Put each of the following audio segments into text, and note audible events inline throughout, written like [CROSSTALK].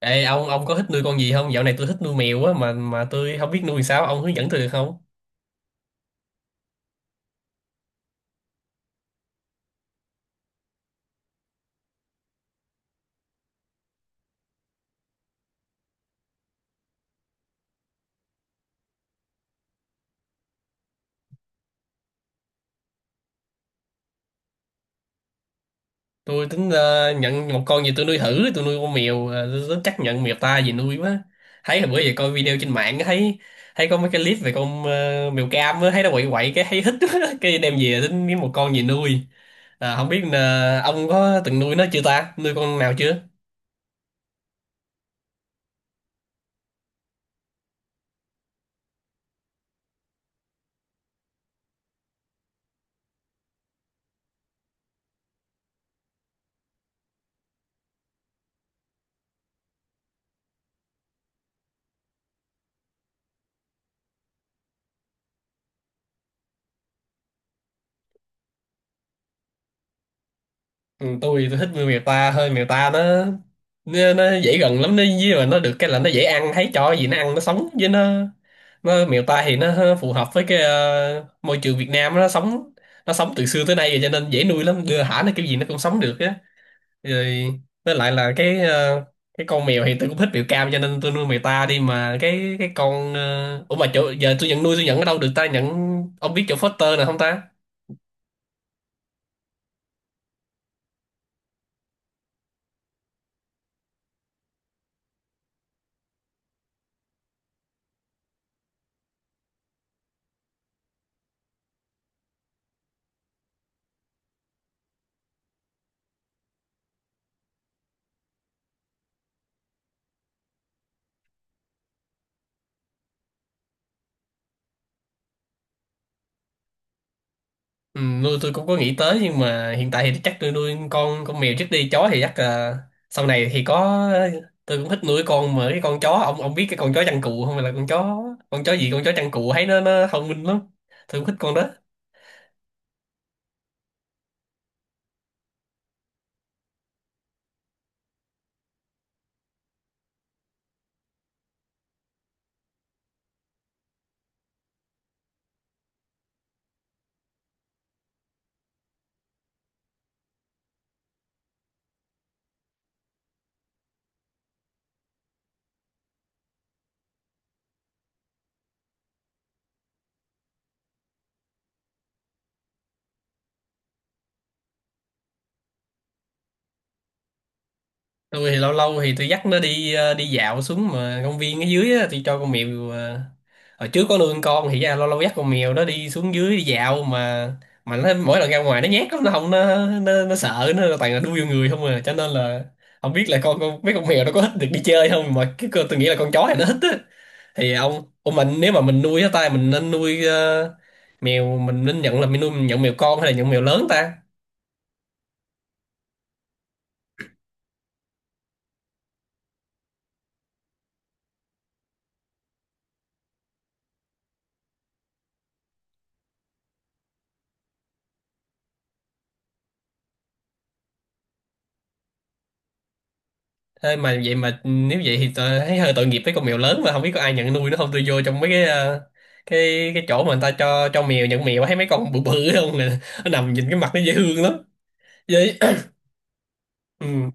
Ê, ông có thích nuôi con gì không? Dạo này tôi thích nuôi mèo á mà tôi không biết nuôi sao, ông hướng dẫn tôi được không? Tôi tính nhận một con gì tôi nuôi thử, tôi nuôi con mèo, tôi tính chắc nhận mèo ta gì nuôi quá. Thấy là bữa giờ coi video trên mạng á, thấy thấy có mấy cái clip về con mèo cam á, thấy nó quậy quậy cái thấy thích [LAUGHS] quá. Cái đem về tính kiếm một con gì nuôi. À, không biết là ông có từng nuôi nó chưa ta? Nuôi con nào chưa? Ừ, tôi thích nuôi mèo ta hơn. Mèo ta nó nó dễ gần lắm, nó với mà nó được cái là nó dễ ăn, thấy cho gì nó ăn nó sống với nó. Mèo ta thì nó phù hợp với cái môi trường Việt Nam, nó sống, nó sống từ xưa tới nay rồi cho nên dễ nuôi lắm, đưa thả nó kiểu gì nó cũng sống được á. Rồi với lại là cái cái con mèo thì tôi cũng thích mèo cam cho nên tôi nuôi mèo ta đi, mà cái con ủa, mà chỗ giờ tôi nhận nuôi, tôi nhận ở đâu được ta, nhận, ông biết chỗ foster nào không ta? Ừ, nuôi tôi cũng có nghĩ tới nhưng mà hiện tại thì chắc tôi nuôi con mèo trước đi, chó thì chắc là sau này thì có. Tôi cũng thích nuôi con mà cái con chó, ông biết cái con chó chăn cừu không? Hay là con chó, con chó gì, con chó chăn cừu, thấy nó thông minh lắm, tôi cũng thích con đó. Tôi thì lâu lâu thì tôi dắt nó đi đi dạo xuống mà công viên ở dưới á, tôi cho con mèo hồi trước có nuôi con thì ra lâu lâu dắt con mèo nó đi xuống dưới đi dạo mà. Mà nó mỗi lần ra ngoài nó nhát lắm, nó không nó nó sợ, nó toàn là đu vô người không à, cho nên là không biết là con mấy con mèo nó có thích được đi chơi không, mà cái cơ tôi nghĩ là con chó này nó thích á. Thì ông mình, nếu mà mình nuôi á tay mình nên nuôi mèo, mình nên nhận là mình nuôi, mình nhận mèo con hay là nhận mèo lớn ta? Thế mà vậy mà nếu vậy thì tôi thấy hơi tội nghiệp với con mèo lớn, mà không biết có ai nhận nuôi nó không. Tôi vô trong mấy cái cái chỗ mà người ta cho mèo nhận mèo, thấy mấy con bự bự [LAUGHS] không nè, nó nằm nhìn cái mặt nó dễ thương lắm vậy. [COUGHS] Ừ.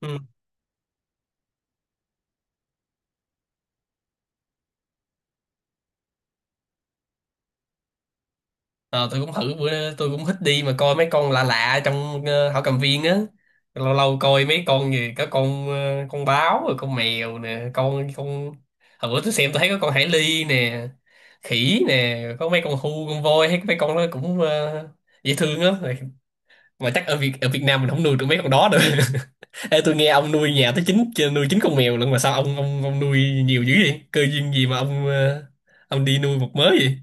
Ừ, ờ, tôi cũng thử bữa tôi cũng thích đi mà coi mấy con lạ lạ trong thảo cầm viên á, lâu lâu coi mấy con gì có con con báo rồi con mèo nè, con hồi bữa tôi xem tôi thấy có con hải ly nè, khỉ nè, có mấy con hươu, con voi, thấy mấy con nó cũng dễ thương á. Mà chắc ở Việt Nam mình không nuôi được mấy con đó được. [LAUGHS] Ê, tôi nghe ông nuôi nhà tới 9, nuôi 9 con mèo lận, mà sao ông nuôi nhiều dữ vậy, cơ duyên gì mà ông ông đi nuôi một mớ vậy?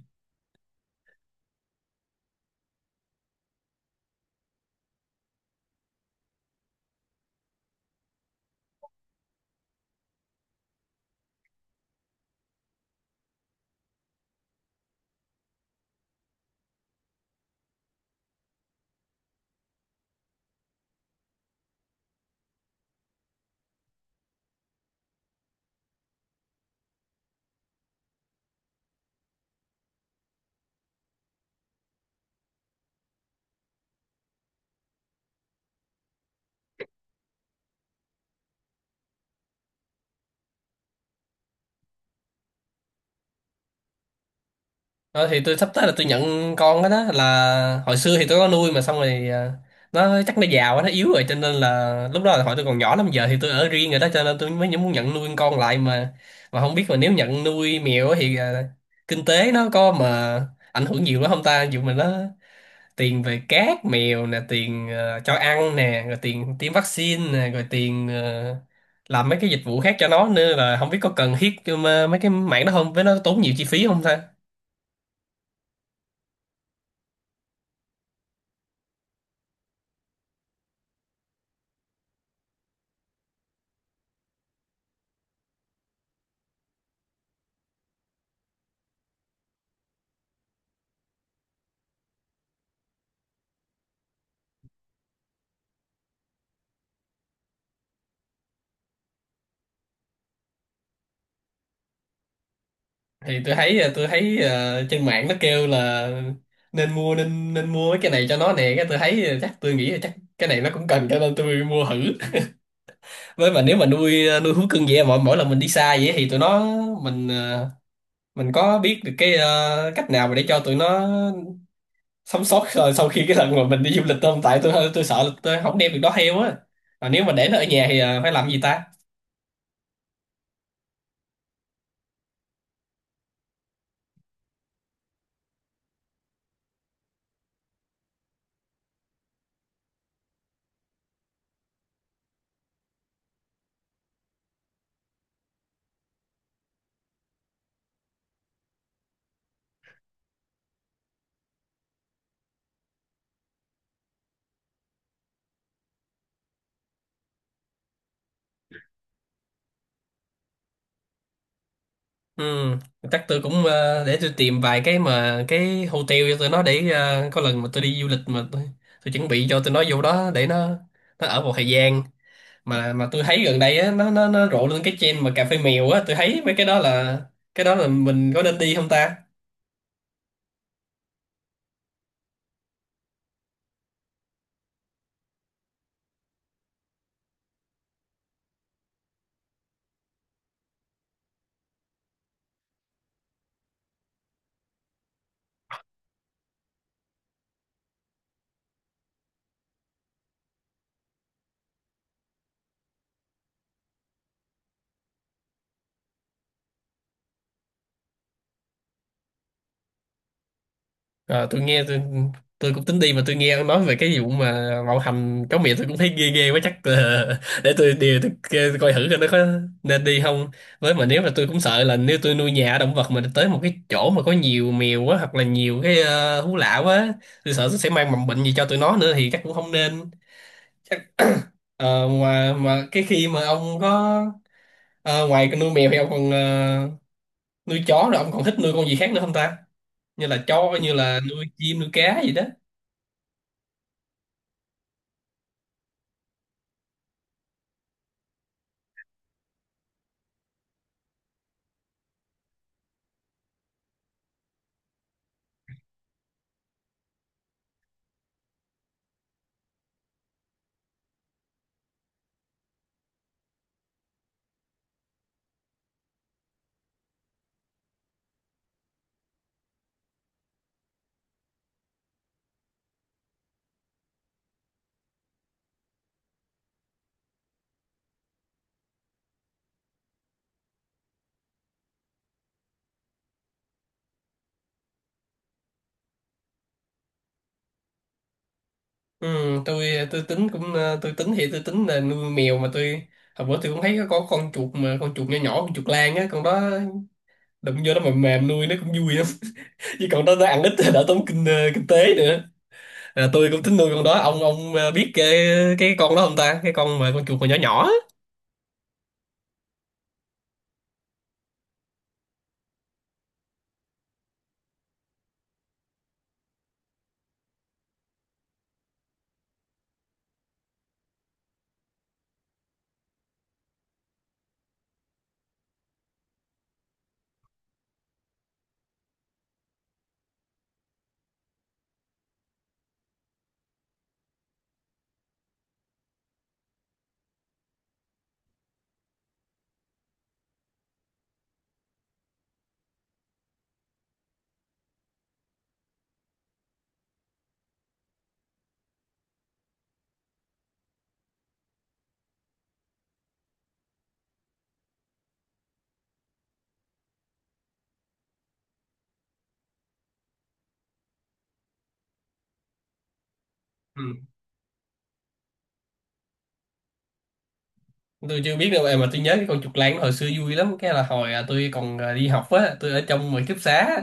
Ờ, thì tôi sắp tới là tôi nhận con đó. Đó là hồi xưa thì tôi có nuôi mà xong rồi nó chắc nó già quá, nó yếu rồi, cho nên là lúc đó là hồi tôi còn nhỏ lắm, giờ thì tôi ở riêng rồi đó cho nên tôi mới muốn nhận nuôi con lại mà. Mà không biết mà nếu nhận nuôi mèo á thì kinh tế nó có mà ảnh hưởng nhiều lắm không ta, dù mà nó tiền về cát mèo nè, tiền cho ăn nè, rồi tiền tiêm vaccine nè, rồi tiền làm mấy cái dịch vụ khác cho nó nữa, là không biết có cần thiết cho mấy cái mạng đó không, với nó tốn nhiều chi phí không ta? Thì tôi thấy trên mạng nó kêu là nên mua mấy cái này cho nó nè, cái tôi thấy chắc tôi nghĩ là chắc cái này nó cũng cần cho nên tôi mua thử. Với mà nếu mà nuôi thú cưng vậy, mỗi mỗi lần mình đi xa vậy thì tụi nó, mình mình có biết được cái cách nào mà để cho tụi nó sống sót rồi sau khi cái lần mà mình đi du lịch tôm, tại tôi sợ là tôi không đem việc đó theo á, mà nếu mà để nó ở nhà thì phải làm gì ta? Ừ, chắc tôi cũng để tôi tìm vài cái mà cái hotel cho tụi nó, để có lần mà tôi đi du lịch mà tôi chuẩn bị cho tụi nó vô đó để nó ở một thời gian. Mà tôi thấy gần đây á nó rộ lên cái trend mà cà phê mèo á, tôi thấy mấy cái đó là mình có nên đi không ta? Ờ, tôi cũng tính đi mà tôi nghe ông nói về cái vụ mà bạo hành chó mẹ, tôi cũng thấy ghê ghê quá, chắc là [LAUGHS] để tôi điều tôi, kê- tôi coi thử coi nó có nên đi không. Với mà nếu mà tôi cũng sợ là nếu tôi nuôi nhà động vật mà tới một cái chỗ mà có nhiều mèo quá hoặc là nhiều cái thú lạ quá, tôi sợ tôi sẽ mang mầm bệnh gì cho tụi nó nữa thì chắc cũng không nên. Chắc mà cái khi mà ông có ngoài nuôi mèo thì ông còn nuôi chó, rồi ông còn thích nuôi con gì khác nữa không ta, như là chó, như là nuôi chim, nuôi cá gì đó? Ừ, tôi tính cũng ờ, tôi tính thì tôi tính là nuôi mèo mà tôi hồi bữa tôi cũng thấy có con chuột mà con chuột nhỏ nhỏ, con chuột lang á, con đó đụng vô nó mềm mềm, nuôi nó cũng vui lắm. [LAUGHS] Chứ còn đó nó ăn ít thì đỡ tốn kinh tế nữa. À, tôi cũng tính nuôi con đó. Ông biết cái con đó không ta, cái con mà con chuột còn nhỏ nhỏ á. Ừ. Tôi chưa biết đâu em, mà tôi nhớ cái con chuột lang nó hồi xưa vui lắm. Cái là hồi tôi còn đi học á, tôi ở trong ký túc xá,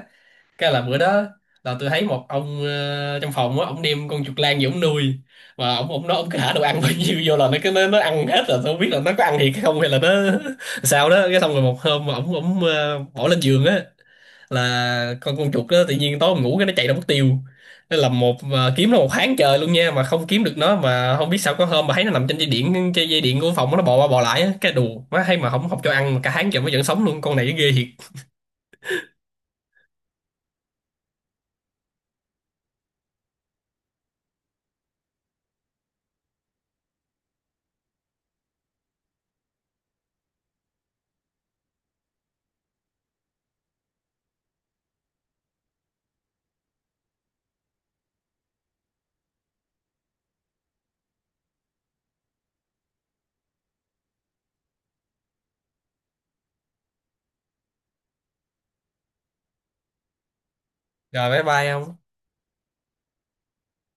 cái là bữa đó là tôi thấy một ông trong phòng á, ông đem con chuột lang gì ông nuôi. Mà ông nói ông cứ thả đồ ăn [LAUGHS] bao nhiêu vô là nó cứ nó ăn hết, rồi tôi không biết là nó có ăn thiệt hay không hay là nó [LAUGHS] sao đó. Cái xong rồi một hôm mà ông bỏ lên giường á, là con chuột đó tự nhiên tối mình ngủ cái nó chạy ra mất tiêu. Nó làm một mà kiếm nó một tháng trời luôn nha, mà không kiếm được nó, mà không biết sao có hôm mà thấy nó nằm trên dây điện, trên dây điện của phòng, nó bò qua bò lại á. Cái đù má, hay mà không, không cho ăn mà cả tháng trời mới vẫn sống luôn, con này ghê thiệt. Rồi, bye bye không.